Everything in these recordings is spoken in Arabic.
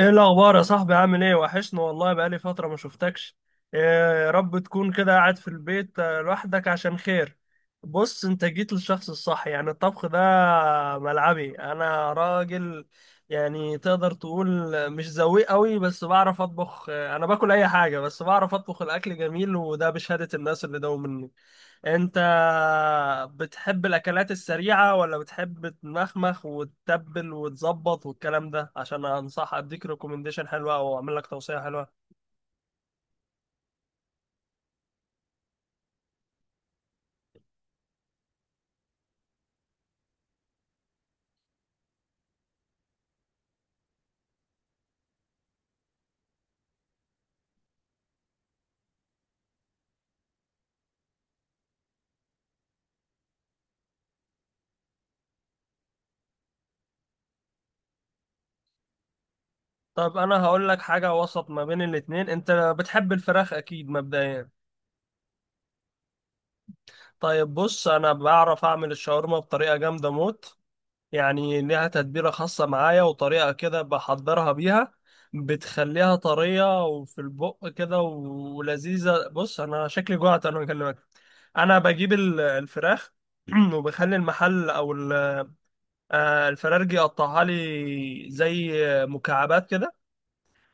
ايه الاخبار يا صاحبي؟ عامل ايه؟ وحشنا والله، بقالي فتره ما شفتكش. إيه؟ يا رب تكون كده قاعد في البيت، لوحدك عشان خير. بص، انت جيت للشخص الصح، يعني الطبخ ده ملعبي، انا راجل يعني تقدر تقول. مش ذويق قوي بس بعرف اطبخ، انا باكل اي حاجه بس بعرف اطبخ، الاكل جميل وده بشهاده الناس اللي داوم مني. انت بتحب الاكلات السريعة ولا بتحب تمخمخ وتتبل وتظبط والكلام ده، عشان انصح اديك ريكومنديشن حلوة او اعمل لك توصية حلوة؟ طيب، انا هقول لك حاجة وسط ما بين الاتنين. انت بتحب الفراخ اكيد مبدئيا؟ طيب، بص، انا بعرف اعمل الشاورما بطريقة جامدة موت، يعني ليها تتبيلة خاصة معايا وطريقة كده بحضرها بيها، بتخليها طرية وفي البق كده ولذيذة. بص، أنا شكلي جوعت أنا بكلمك. أنا بجيب الفراخ. وبخلي المحل أو الفرارجي يقطعها لي زي مكعبات كده.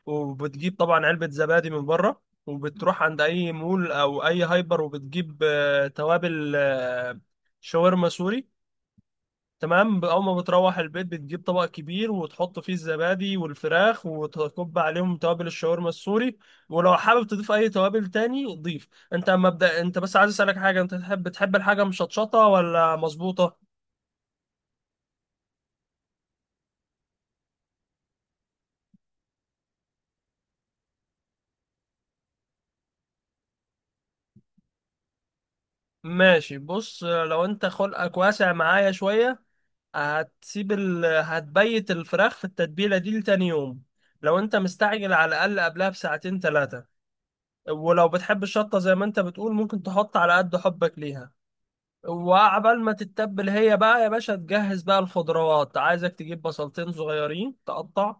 وبتجيب طبعا علبة زبادي من بره، وبتروح عند أي مول أو أي هايبر وبتجيب توابل شاورما سوري. تمام، اول ما بتروح البيت بتجيب طبق كبير وتحط فيه الزبادي والفراخ وتكب عليهم توابل الشاورما السوري، ولو حابب تضيف اي توابل تاني ضيف. انت مبدأ، انت بس عايز اسالك حاجه، انت تحب بتحب الحاجه مشطشطه ولا مظبوطه؟ ماشي، بص، لو انت خلقك واسع معايا شويه، هتبيت الفراخ في التتبيله دي لتاني يوم، لو انت مستعجل على الاقل قبلها بساعتين ثلاثه. ولو بتحب الشطه زي ما انت بتقول، ممكن تحط على قد حبك ليها. وعبال ما تتبل هي بقى يا باشا تجهز بقى الخضروات. عايزك تجيب بصلتين صغيرين تقطع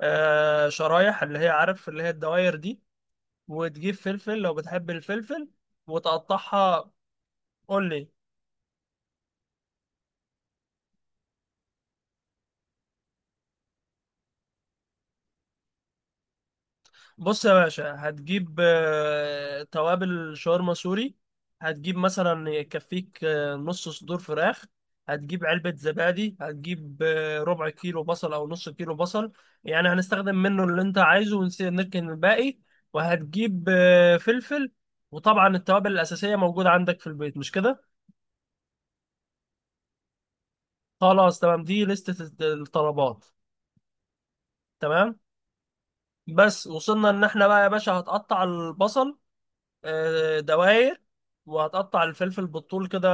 شرايح، اللي هي عارف اللي هي الدواير دي. وتجيب فلفل لو بتحب الفلفل وتقطعها. قول لي. بص يا باشا، هتجيب توابل شاورما سوري، هتجيب مثلا يكفيك نص صدور فراخ، هتجيب علبة زبادي، هتجيب ربع كيلو بصل أو نص كيلو بصل، يعني هنستخدم منه اللي أنت عايزه ونركن الباقي. وهتجيب فلفل. وطبعا التوابل الأساسية موجودة عندك في البيت، مش كده؟ خلاص، تمام، دي لستة الطلبات. تمام. بس وصلنا إن احنا بقى يا باشا هتقطع البصل دواير، وهتقطع الفلفل بالطول كده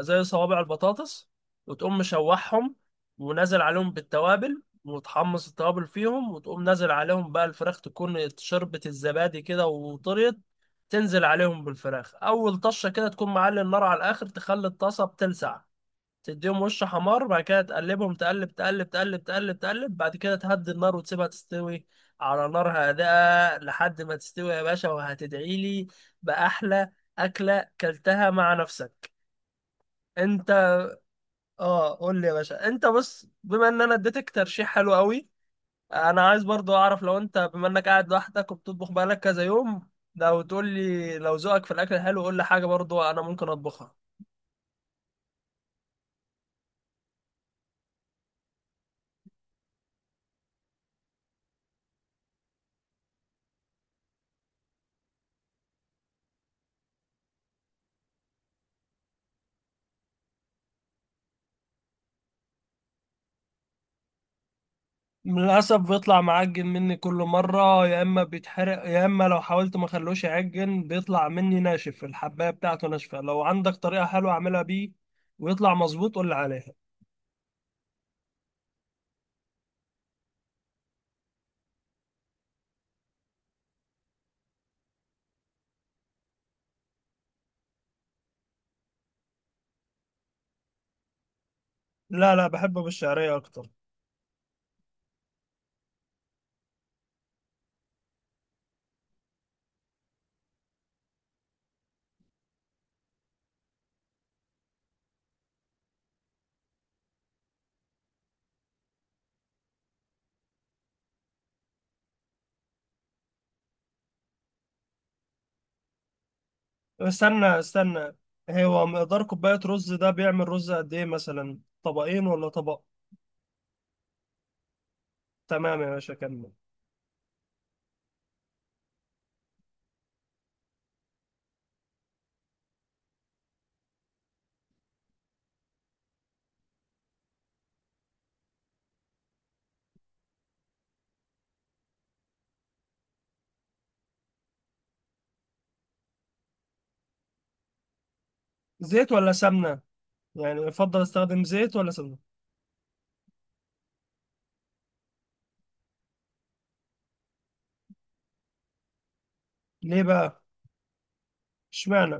زي صوابع البطاطس، وتقوم مشوحهم ونازل عليهم بالتوابل وتحمص التوابل فيهم، وتقوم نازل عليهم بقى الفراخ تكون شربت الزبادي كده وطريت. تنزل عليهم بالفراخ اول طشه كده، تكون معلي النار على الاخر تخلي الطاسه بتلسع، تديهم وش حمار، بعد كده تقلبهم، تقلب تقلب تقلب تقلب تقلب، بعد كده تهدي النار وتسيبها تستوي على نار هادئة لحد ما تستوي يا باشا، وهتدعي لي بأحلى أكلة كلتها مع نفسك. انت. اه، قول لي يا باشا، انت بص، بما ان انا اديتك ترشيح حلو قوي، انا عايز برضو اعرف، لو انت بما انك قاعد لوحدك وبتطبخ بقالك كذا يوم، لو تقول لي لو ذوقك في الاكل حلو، قول لي حاجة برضو انا ممكن اطبخها. للأسف بيطلع معجن مني كل مرة، يا إما بيتحرق يا إما لو حاولت ما خلوش يعجن بيطلع مني ناشف، الحباية بتاعته ناشفة. لو عندك طريقة حلوة أعملها بيه ويطلع مظبوط قول لي عليها. لا لا، بحبه بالشعرية أكتر. استنى استنى، هو مقدار كوباية رز ده بيعمل رز قد إيه؟ مثلا طبقين ولا طبق؟ تمام يا باشا، كمل. زيت ولا سمنة؟ يعني يفضل استخدم زيت ولا سمنة؟ ليه بقى؟ اشمعنى؟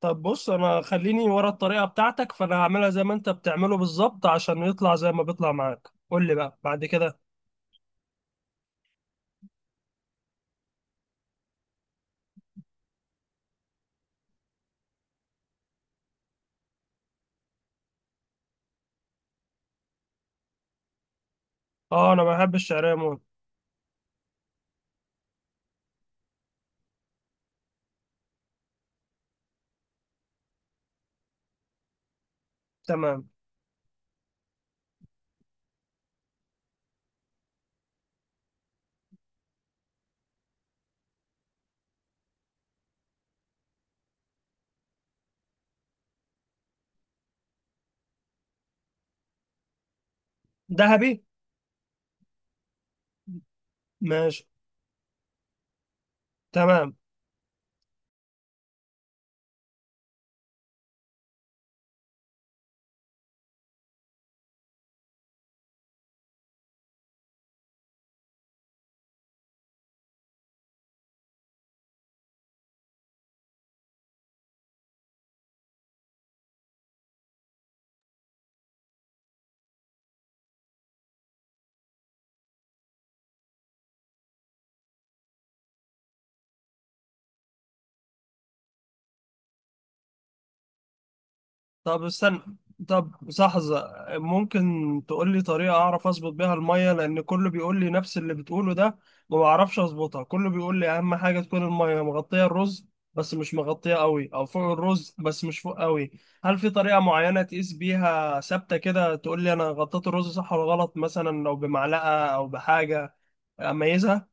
طب بص، انا خليني ورا الطريقه بتاعتك، فانا هعملها زي ما انت بتعمله بالظبط عشان يطلع زي ما بيطلع معاك، قول لي بقى بعد كده. اه، انا ما بحبش الشعريه موت. تمام. ذهبي، ماشي. تمام. طب استنى. طب، لحظة. ممكن تقول لي طريقة أعرف أظبط بيها المية، لأن كله بيقول لي نفس اللي بتقوله ده، وما بعرفش أظبطها. كله بيقول لي أهم حاجة تكون المية مغطية الرز، بس مش مغطية قوي، أو فوق الرز بس مش فوق قوي. هل في طريقة معينة تقيس بيها ثابتة كده، تقول لي أنا غطيت الرز صح ولا غلط، مثلا لو بمعلقة أو بحاجة أميزها؟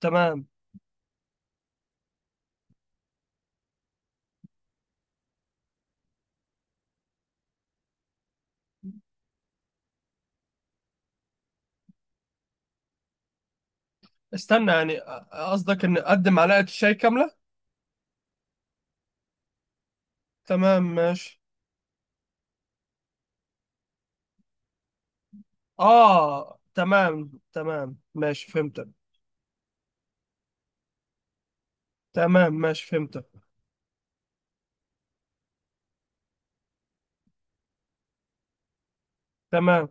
تمام. استنى، يعني قصدك إن أقدم معلقة الشاي كاملة؟ تمام، ماشي. اه، تمام تمام، ماشي، فهمتك. تمام، ماشي، فهمتك. تمام.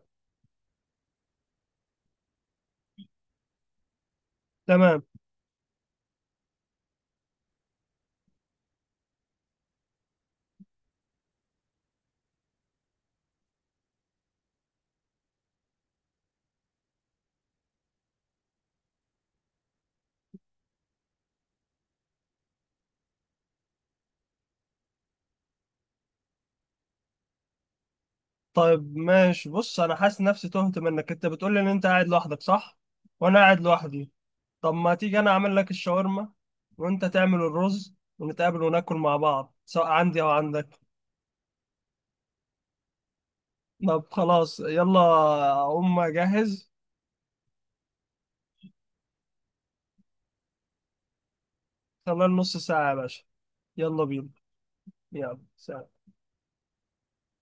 تمام. طيب، ماشي. بص، انا حاسس نفسي تهت منك، انت بتقول لي ان انت قاعد لوحدك، صح؟ وانا قاعد لوحدي. طب ما تيجي انا اعمل لك الشاورما وانت تعمل الرز، ونتقابل وناكل مع بعض سواء عندي او عندك. طب خلاص، يلا، اقوم اجهز. خلال نص ساعة يا باشا. يلا بينا. يلا، سلام.